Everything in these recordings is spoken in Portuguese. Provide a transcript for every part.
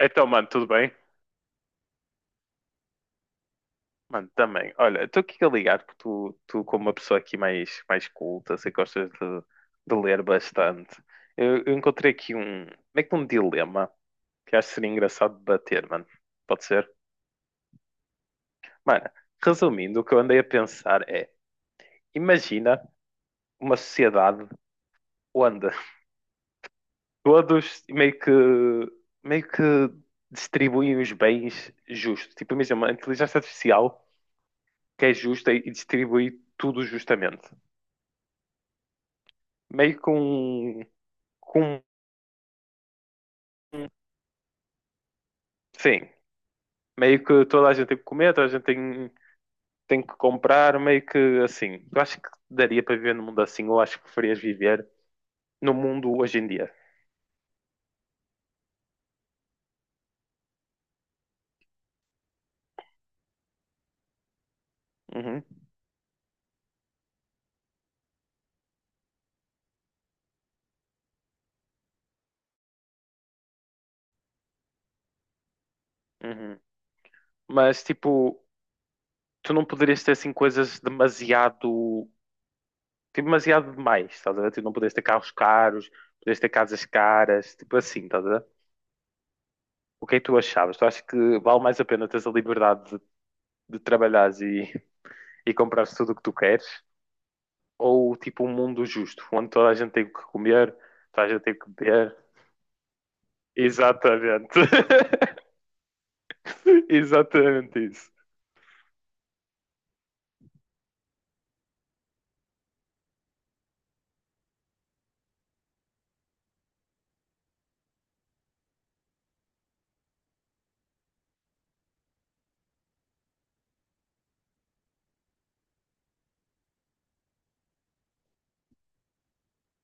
Então, mano, tudo bem? Mano, também. Olha, estou aqui a ligar que tu, como uma pessoa aqui mais, mais culta, sei que gostas de ler bastante. Eu encontrei aqui um, como é que um dilema que acho que seria engraçado debater, mano. Pode ser? Mano, resumindo, o que eu andei a pensar é, imagina uma sociedade onde todos meio que distribuem os bens justos. Tipo, imagina uma inteligência artificial que é justa e distribui tudo justamente. meio com, com sim, meio que toda a gente tem que comer, toda a gente tem, tem que comprar, meio que assim. Eu acho que daria para viver num mundo assim, ou acho que preferias viver no mundo hoje em dia. Uhum, uhum. Mas tipo, tu não poderias ter assim coisas demasiado, tipo, demasiado demais, estás a ver? Tu não poderias ter carros caros, poderias ter casas caras, tipo assim, estás a ver? O que é que tu achavas? Tu achas que vale mais a pena teres a liberdade de trabalhares e comprares tudo o que tu queres? Ou tipo um mundo justo, onde toda a gente tem o que comer, toda a gente tem o que beber. Exatamente. Exatamente isso.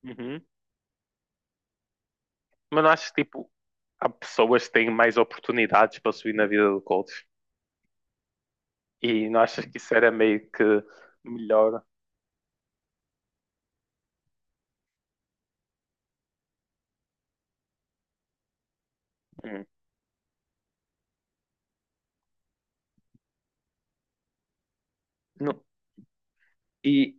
Uhum. Mas não achas que tipo, há pessoas que têm mais oportunidades para subir na vida do coach? E não achas que isso era meio que melhor? Hum. Não. E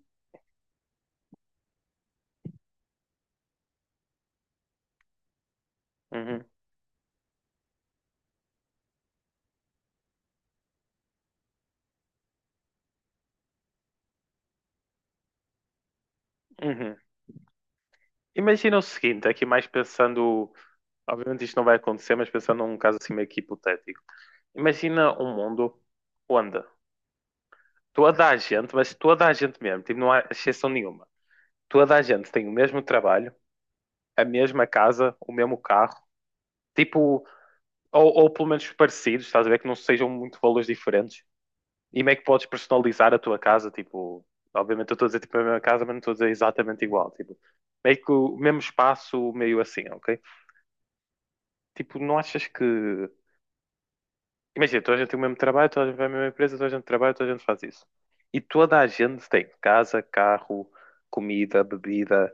uhum, uhum. Imagina o seguinte, aqui mais pensando. Obviamente isto não vai acontecer, mas pensando num caso assim meio que hipotético. Imagina um mundo onde toda a gente, mas toda a gente mesmo, tipo, não há exceção nenhuma. Toda a gente tem o mesmo trabalho, a mesma casa, o mesmo carro, tipo, ou pelo menos parecidos, estás a ver que não sejam muito valores diferentes. E meio que podes personalizar a tua casa? Tipo, obviamente eu estou a dizer tipo a mesma casa, mas não estou a dizer exatamente igual. Tipo, meio que o mesmo espaço, meio assim, ok? Tipo, não achas que. Imagina, toda a gente tem o mesmo trabalho, toda a gente vai à mesma empresa, toda a gente trabalha, toda a gente faz isso. E toda a gente tem casa, carro, comida, bebida,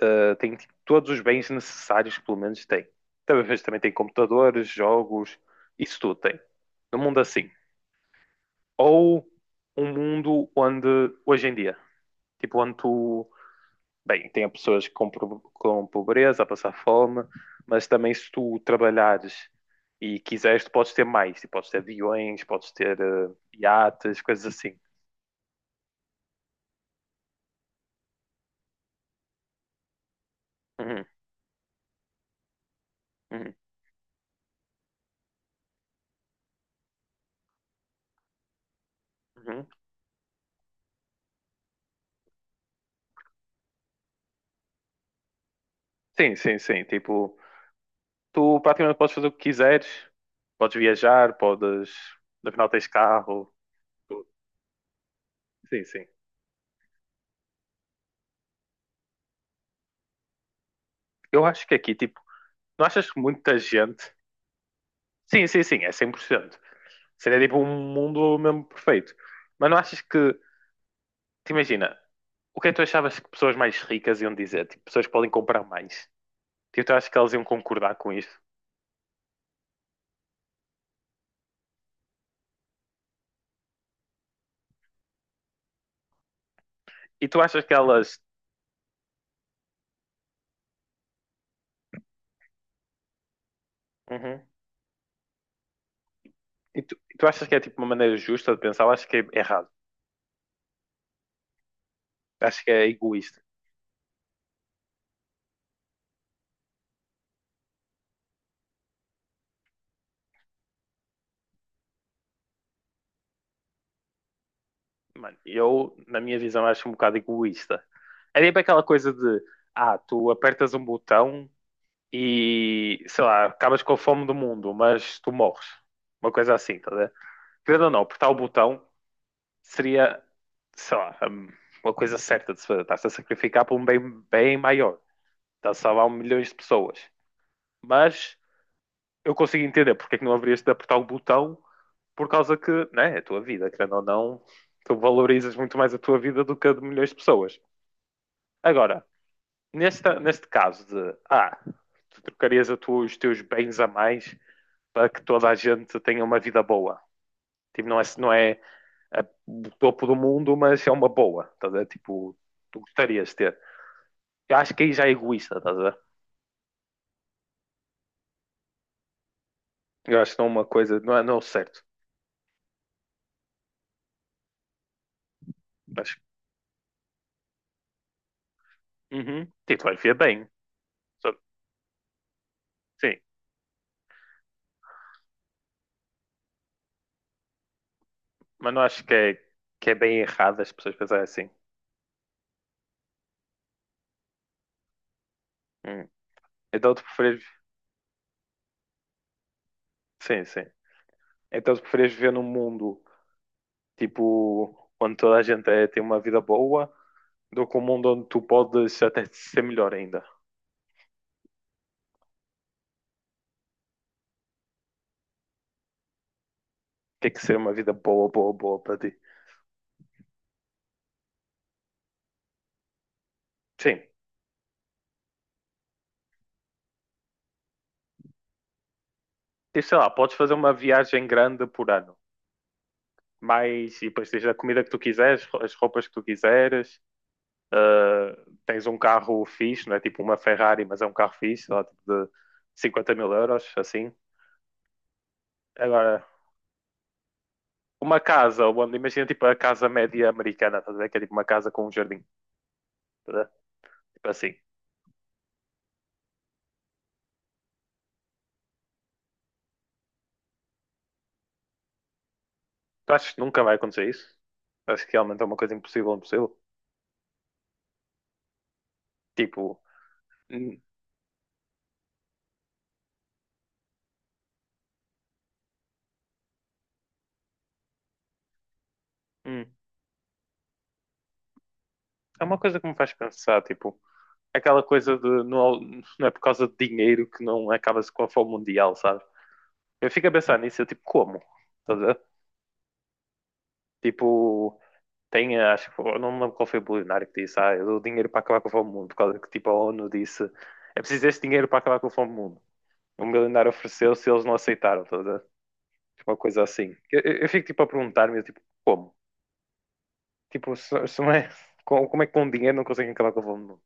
tem tipo, todos os bens necessários, pelo menos tem. Talvez também tem computadores, jogos, isso tudo tem. Num mundo assim. Ou um mundo onde, hoje em dia, tipo, onde tu. Bem, tem pessoas com, com pobreza, a passar fome, mas também se tu trabalhares e quiseres, tu podes ter mais. Tu podes ter aviões, podes ter iates, coisas assim. Uhum, uhum, uhum. Sim, sim, sim. Tipo, tu praticamente podes fazer o que quiseres. Podes viajar, podes... No final tens carro. Tudo. Sim, sim. Eu acho que aqui, tipo, não achas que muita gente... Sim, sim, sim, é cem por cento. Seria tipo um mundo mesmo perfeito. Mas não achas que... Te imagina... O que é que tu achavas que pessoas mais ricas iam dizer? Tipo, pessoas que podem comprar mais. Tipo, tu achas que elas iam concordar com isso? E tu achas que elas. Uhum. E tu achas que é tipo uma maneira justa de pensar? Eu acho que é errado. Acho que é egoísta. Mano, eu, na minha visão, acho um bocado egoísta. É tipo aquela coisa de. Ah, tu apertas um botão e. Sei lá, acabas com a fome do mundo, mas tu morres. Uma coisa assim, tá a ver? Querendo ou não, apertar o botão seria, sei lá, uma coisa certa de se fazer. Estás a sacrificar por um bem, bem maior. Estás a salvar milhões de pessoas. Mas eu consigo entender porque é que não haverias de apertar o botão por causa que, né, é a tua vida, querendo ou não, tu valorizas muito mais a tua vida do que a de milhões de pessoas. Agora, neste caso de, tu trocarias a os teus bens a mais para que toda a gente tenha uma vida boa. Tipo, não é é do topo do mundo, mas é uma boa, estás a ver? Tipo, tu gostarias de ter. Eu acho que aí já é egoísta, estás a ver? Eu acho que não é uma coisa, não é certo. Mas, uhum, tipo, vai ver bem. Só- Sim, mas não acho que é bem errado as pessoas pensarem assim. Hum. Então tu preferes, sim, sim. Então tu preferes viver num mundo, tipo, onde toda a gente tem uma vida boa, do que um mundo onde tu podes até ser melhor ainda. Tem que ser uma vida boa, boa, boa para ti. Sim. E sei lá, podes fazer uma viagem grande por ano. Mas, e depois tens a comida que tu quiseres, as roupas que tu quiseres, uh, tens um carro fixe, não é tipo uma Ferrari, mas é um carro fixe, sei lá, tipo de 50 mil euros, assim. Agora, uma casa, onde, imagina tipo a casa média americana, estás a ver? Que é tipo uma casa com um jardim, tá a ver? Tipo assim. Tu achas que nunca vai acontecer isso? Acho que realmente é uma coisa impossível, impossível. Tipo, hum, hum, é uma coisa que me faz pensar, tipo, aquela coisa de não, não é por causa de dinheiro que não acaba-se com a fome mundial, sabe? Eu fico a pensar nisso, eu tipo, como? Estás a ver? Tipo, tem, acho que, não me lembro qual foi o bilionário que disse, ah, eu dou dinheiro para acabar com a fome do mundo, por causa que, tipo, a ONU disse, é preciso este dinheiro para acabar com a fome do mundo. O milionário ofereceu-se e eles não aceitaram, estás a ver? Uma coisa assim. Eu, eu fico, tipo, a perguntar-me, eu, tipo, como? Tipo, se não é, como é que com dinheiro não conseguem acabar com a fome? Não,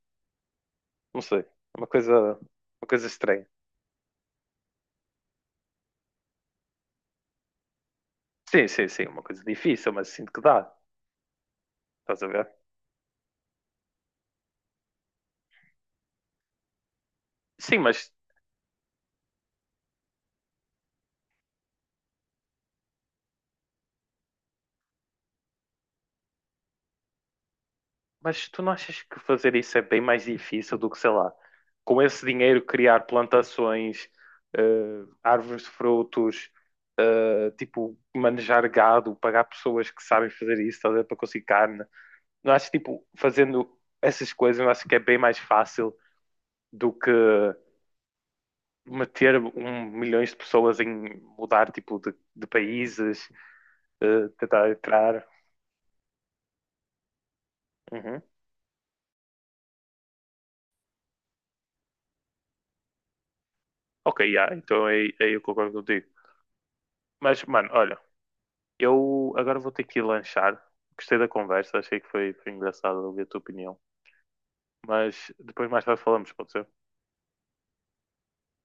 não sei. É uma coisa, uma coisa estranha. Sim, sim, sim, uma coisa difícil, mas sinto que dá. Estás a ver? Sim, mas tu não achas que fazer isso é bem mais difícil do que, sei lá, com esse dinheiro criar plantações, eh, árvores de frutos, tipo, manejar gado, pagar pessoas que sabem fazer isso, estás a ver, para conseguir carne. Não acho, tipo, fazendo essas coisas, eu acho que é bem mais fácil do que meter um milhões de pessoas em mudar tipo de países, tentar entrar. Uhum. Ok, yeah, então aí eu concordo contigo. Mas, mano, olha, eu agora vou ter que ir lanchar. Gostei da conversa, achei que foi engraçado ouvir a tua opinião. Mas depois mais tarde falamos, pode ser?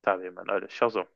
Tá bem, mano. Olha, tchauzão.